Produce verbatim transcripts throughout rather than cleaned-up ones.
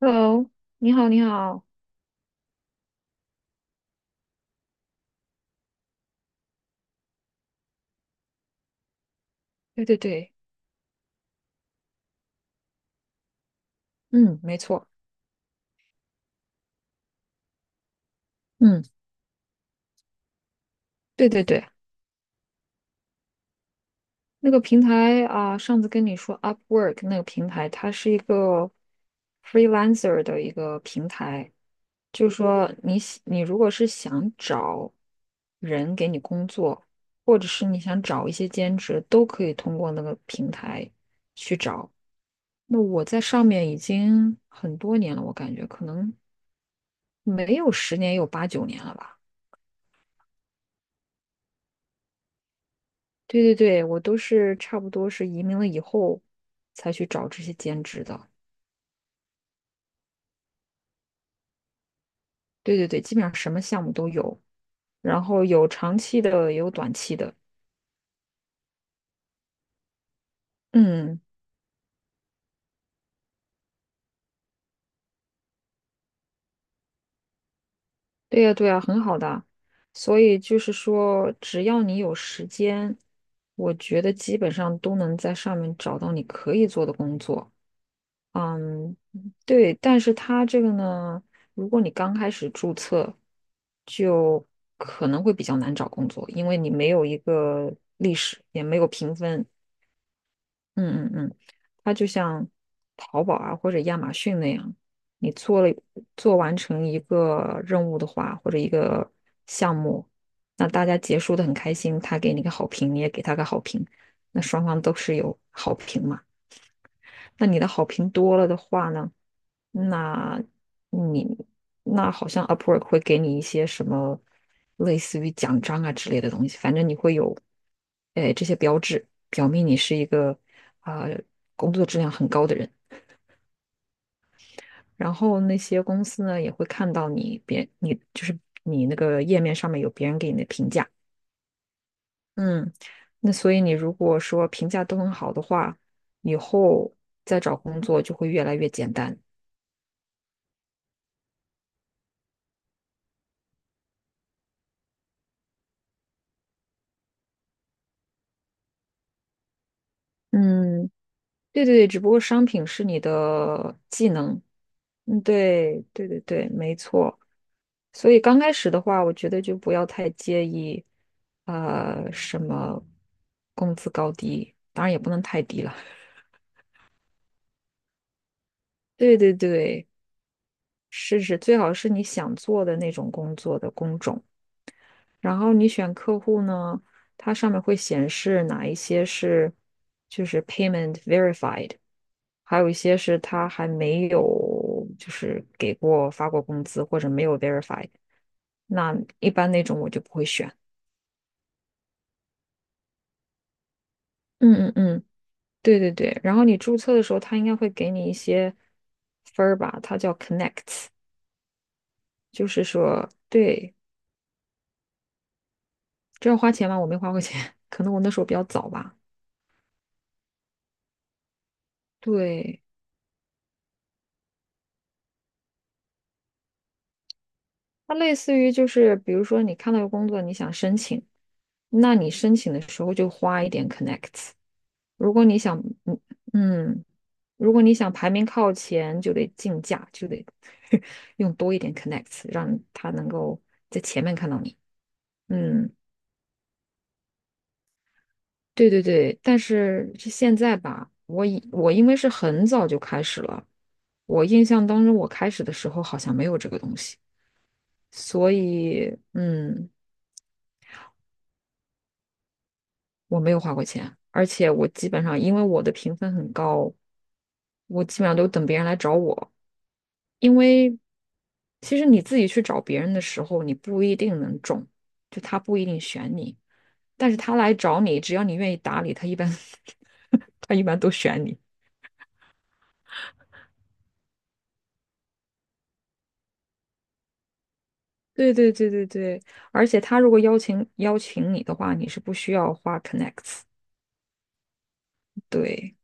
Hello，你好，你好，对对对，嗯，没错，嗯，对对对，那个平台啊，上次跟你说 Upwork 那个平台，它是一个 freelancer 的一个平台，就是说你喜你如果是想找人给你工作，或者是你想找一些兼职，都可以通过那个平台去找。那我在上面已经很多年了，我感觉可能没有十年，有八九年了吧。对对对，我都是差不多是移民了以后才去找这些兼职的。对对对，基本上什么项目都有，然后有长期的，也有短期的。嗯，对呀对呀，很好的。所以就是说，只要你有时间，我觉得基本上都能在上面找到你可以做的工作。嗯，对，但是它这个呢，如果你刚开始注册，就可能会比较难找工作，因为你没有一个历史，也没有评分。嗯嗯嗯，它就像淘宝啊或者亚马逊那样，你做了做完成一个任务的话，或者一个项目，那大家结束的很开心，他给你个好评，你也给他个好评，那双方都是有好评嘛。那你的好评多了的话呢？那你那好像 Upwork 会给你一些什么类似于奖章啊之类的东西，反正你会有，哎，这些标志表明你是一个啊、工作质量很高的人。然后那些公司呢也会看到你别你就是你那个页面上面有别人给你的评价，嗯，那所以你如果说评价都很好的话，以后再找工作就会越来越简单。嗯，对对对，只不过商品是你的技能。嗯，对对对对，没错。所以刚开始的话，我觉得就不要太介意，呃，什么工资高低，当然也不能太低了。对对对，试试，最好是你想做的那种工作的工种。然后你选客户呢，它上面会显示哪一些是就是 payment verified，还有一些是他还没有就是给过发过工资或者没有 verify，那一般那种我就不会选。嗯嗯嗯，对对对。然后你注册的时候，他应该会给你一些分儿吧？它叫 connect，s 就是说，对，这要花钱吗？我没花过钱，可能我那时候比较早吧。对，它类似于就是，比如说你看到个工作，你想申请，那你申请的时候就花一点 connect。s 如果你想，嗯嗯，如果你想排名靠前，就得竞价，就得 用多一点 connect，s 让他能够在前面看到你。嗯，对对对。但是是现在吧，我以我因为是很早就开始了，我印象当中我开始的时候好像没有这个东西，所以嗯，我没有花过钱，而且我基本上因为我的评分很高，我基本上都等别人来找我，因为其实你自己去找别人的时候，你不一定能中，就他不一定选你，但是他来找你，只要你愿意打理他，一般 他一般都选你。对对对对对，而且他如果邀请邀请你的话，你是不需要花 connects，对，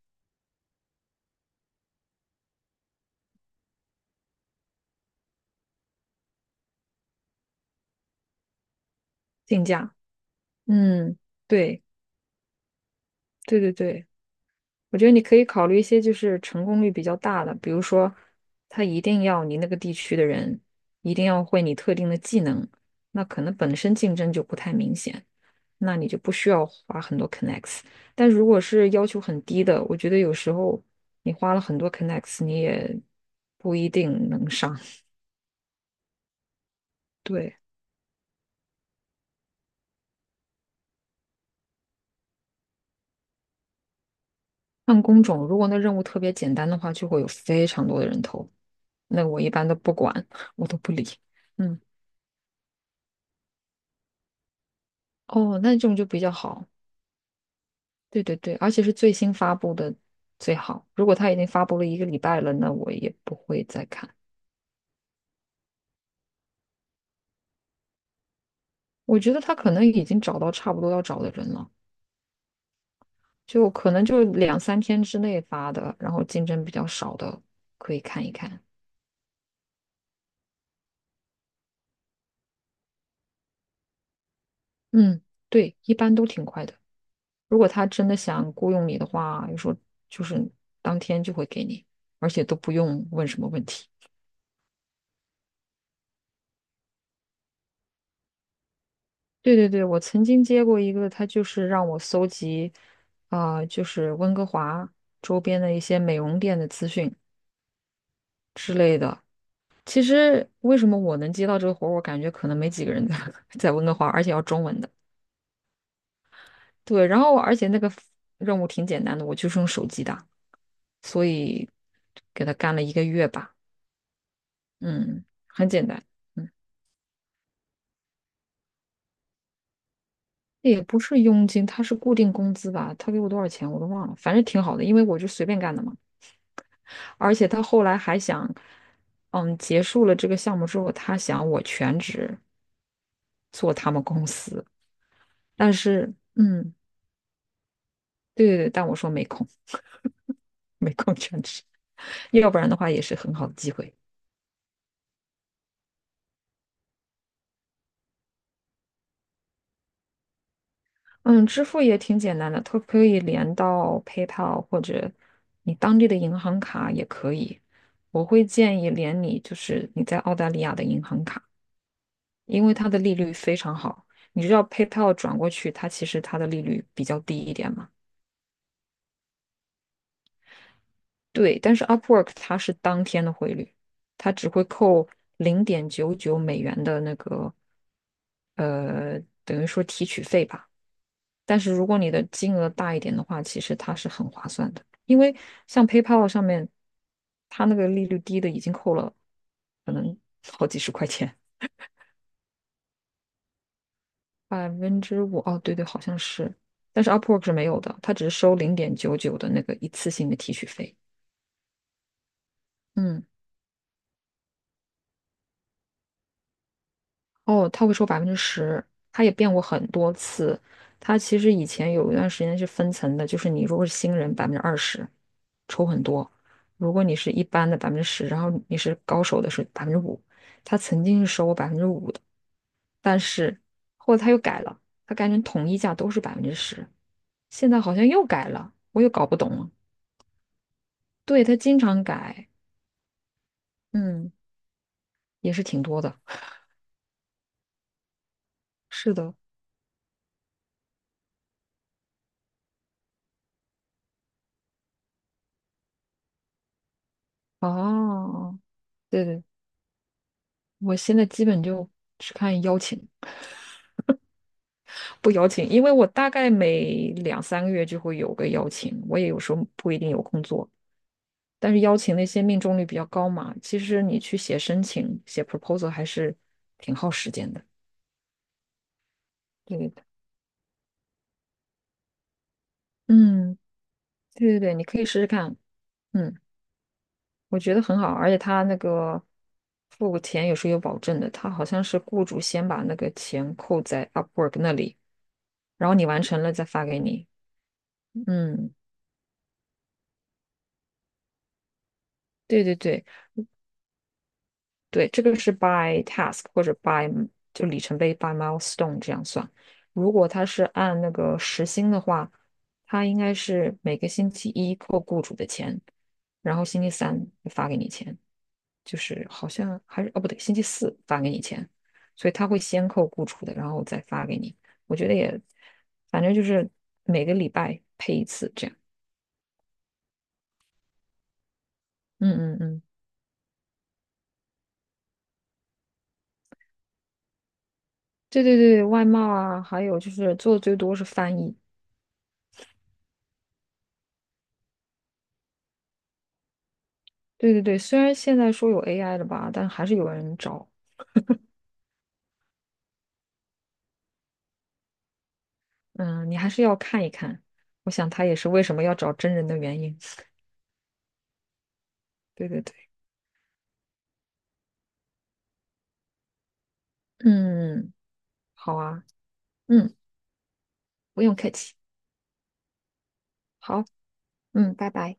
定价，嗯，对对对对。我觉得你可以考虑一些就是成功率比较大的，比如说，他一定要你那个地区的人一定要会你特定的技能，那可能本身竞争就不太明显，那你就不需要花很多 connects。但如果是要求很低的，我觉得有时候你花了很多 connects，你也不一定能上。对，按工种，如果那任务特别简单的话，就会有非常多的人头，那我一般都不管，我都不理。嗯，哦，那这种就比较好。对对对，而且是最新发布的最好。如果他已经发布了一个礼拜了，那我也不会再看。我觉得他可能已经找到差不多要找的人了，就可能就两三天之内发的，然后竞争比较少的可以看一看。嗯，对，一般都挺快的。如果他真的想雇佣你的话，有时候就是当天就会给你，而且都不用问什么问题。对对对，我曾经接过一个，他就是让我搜集，啊、就是温哥华周边的一些美容店的资讯之类的。其实为什么我能接到这个活儿，我感觉可能没几个人在 在温哥华，而且要中文的。对，然后而且那个任务挺简单的，我就是用手机打，所以给他干了一个月吧。嗯，很简单。嗯，也不是佣金，他是固定工资吧？他给我多少钱我都忘了，反正挺好的，因为我就随便干的嘛。而且他后来还想，嗯，结束了这个项目之后，他想我全职做他们公司，但是，嗯，对对对，但我说没空，没空全职，要不然的话也是很好的机会。嗯，支付也挺简单的，它可以连到 PayPal 或者你当地的银行卡也可以。我会建议连你就是你在澳大利亚的银行卡，因为它的利率非常好。你知道 PayPal 转过去，它其实它的利率比较低一点嘛。对，但是 Upwork 它是当天的汇率，它只会扣零点九九美元的那个呃，等于说提取费吧。但是如果你的金额大一点的话，其实它是很划算的，因为像 PayPal 上面，它那个利率低的已经扣了可能好几十块钱，百分之五。哦，对对，好像是。但是 Upwork 是没有的，它只是收零点九九的那个一次性的提取费。嗯。哦，他会收百分之十，他也变过很多次。他其实以前有一段时间是分层的，就是你如果是新人百分之二十，抽很多；如果你是一般的百分之十，然后你是高手的是百分之五。他曾经是收我百分之五的，但是后来他又改了，他改成统一价都是百分之十，现在好像又改了，我又搞不懂了。对，他经常改，嗯，也是挺多的。是的，哦，对对我现在基本就只看邀请，不邀请，因为我大概每两三个月就会有个邀请，我也有时候不一定有空做，但是邀请那些命中率比较高嘛，其实你去写申请、写 proposal 还是挺耗时间的。对对对嗯，对对对，你可以试试看，嗯，我觉得很好，而且他那个付钱有时候有保证的，他好像是雇主先把那个钱扣在 Upwork 那里，然后你完成了再发给你，嗯。对对对，对，这个是 by task 或者 by 就里程碑 by milestone 这样算。如果他是按那个时薪的话，他应该是每个星期一扣雇主的钱，然后星期三发给你钱，就是好像还是哦不对，星期四发给你钱，所以他会先扣雇主的，然后再发给你。我觉得也，反正就是每个礼拜配一次这样。嗯嗯嗯，对对对，外贸啊，还有就是做的最多是翻译。对对对，虽然现在说有 A I 了吧，但还是有人找。嗯，你还是要看一看。我想他也是为什么要找真人的原因。对对对，嗯，好啊，嗯，不用客气。好，嗯，拜拜。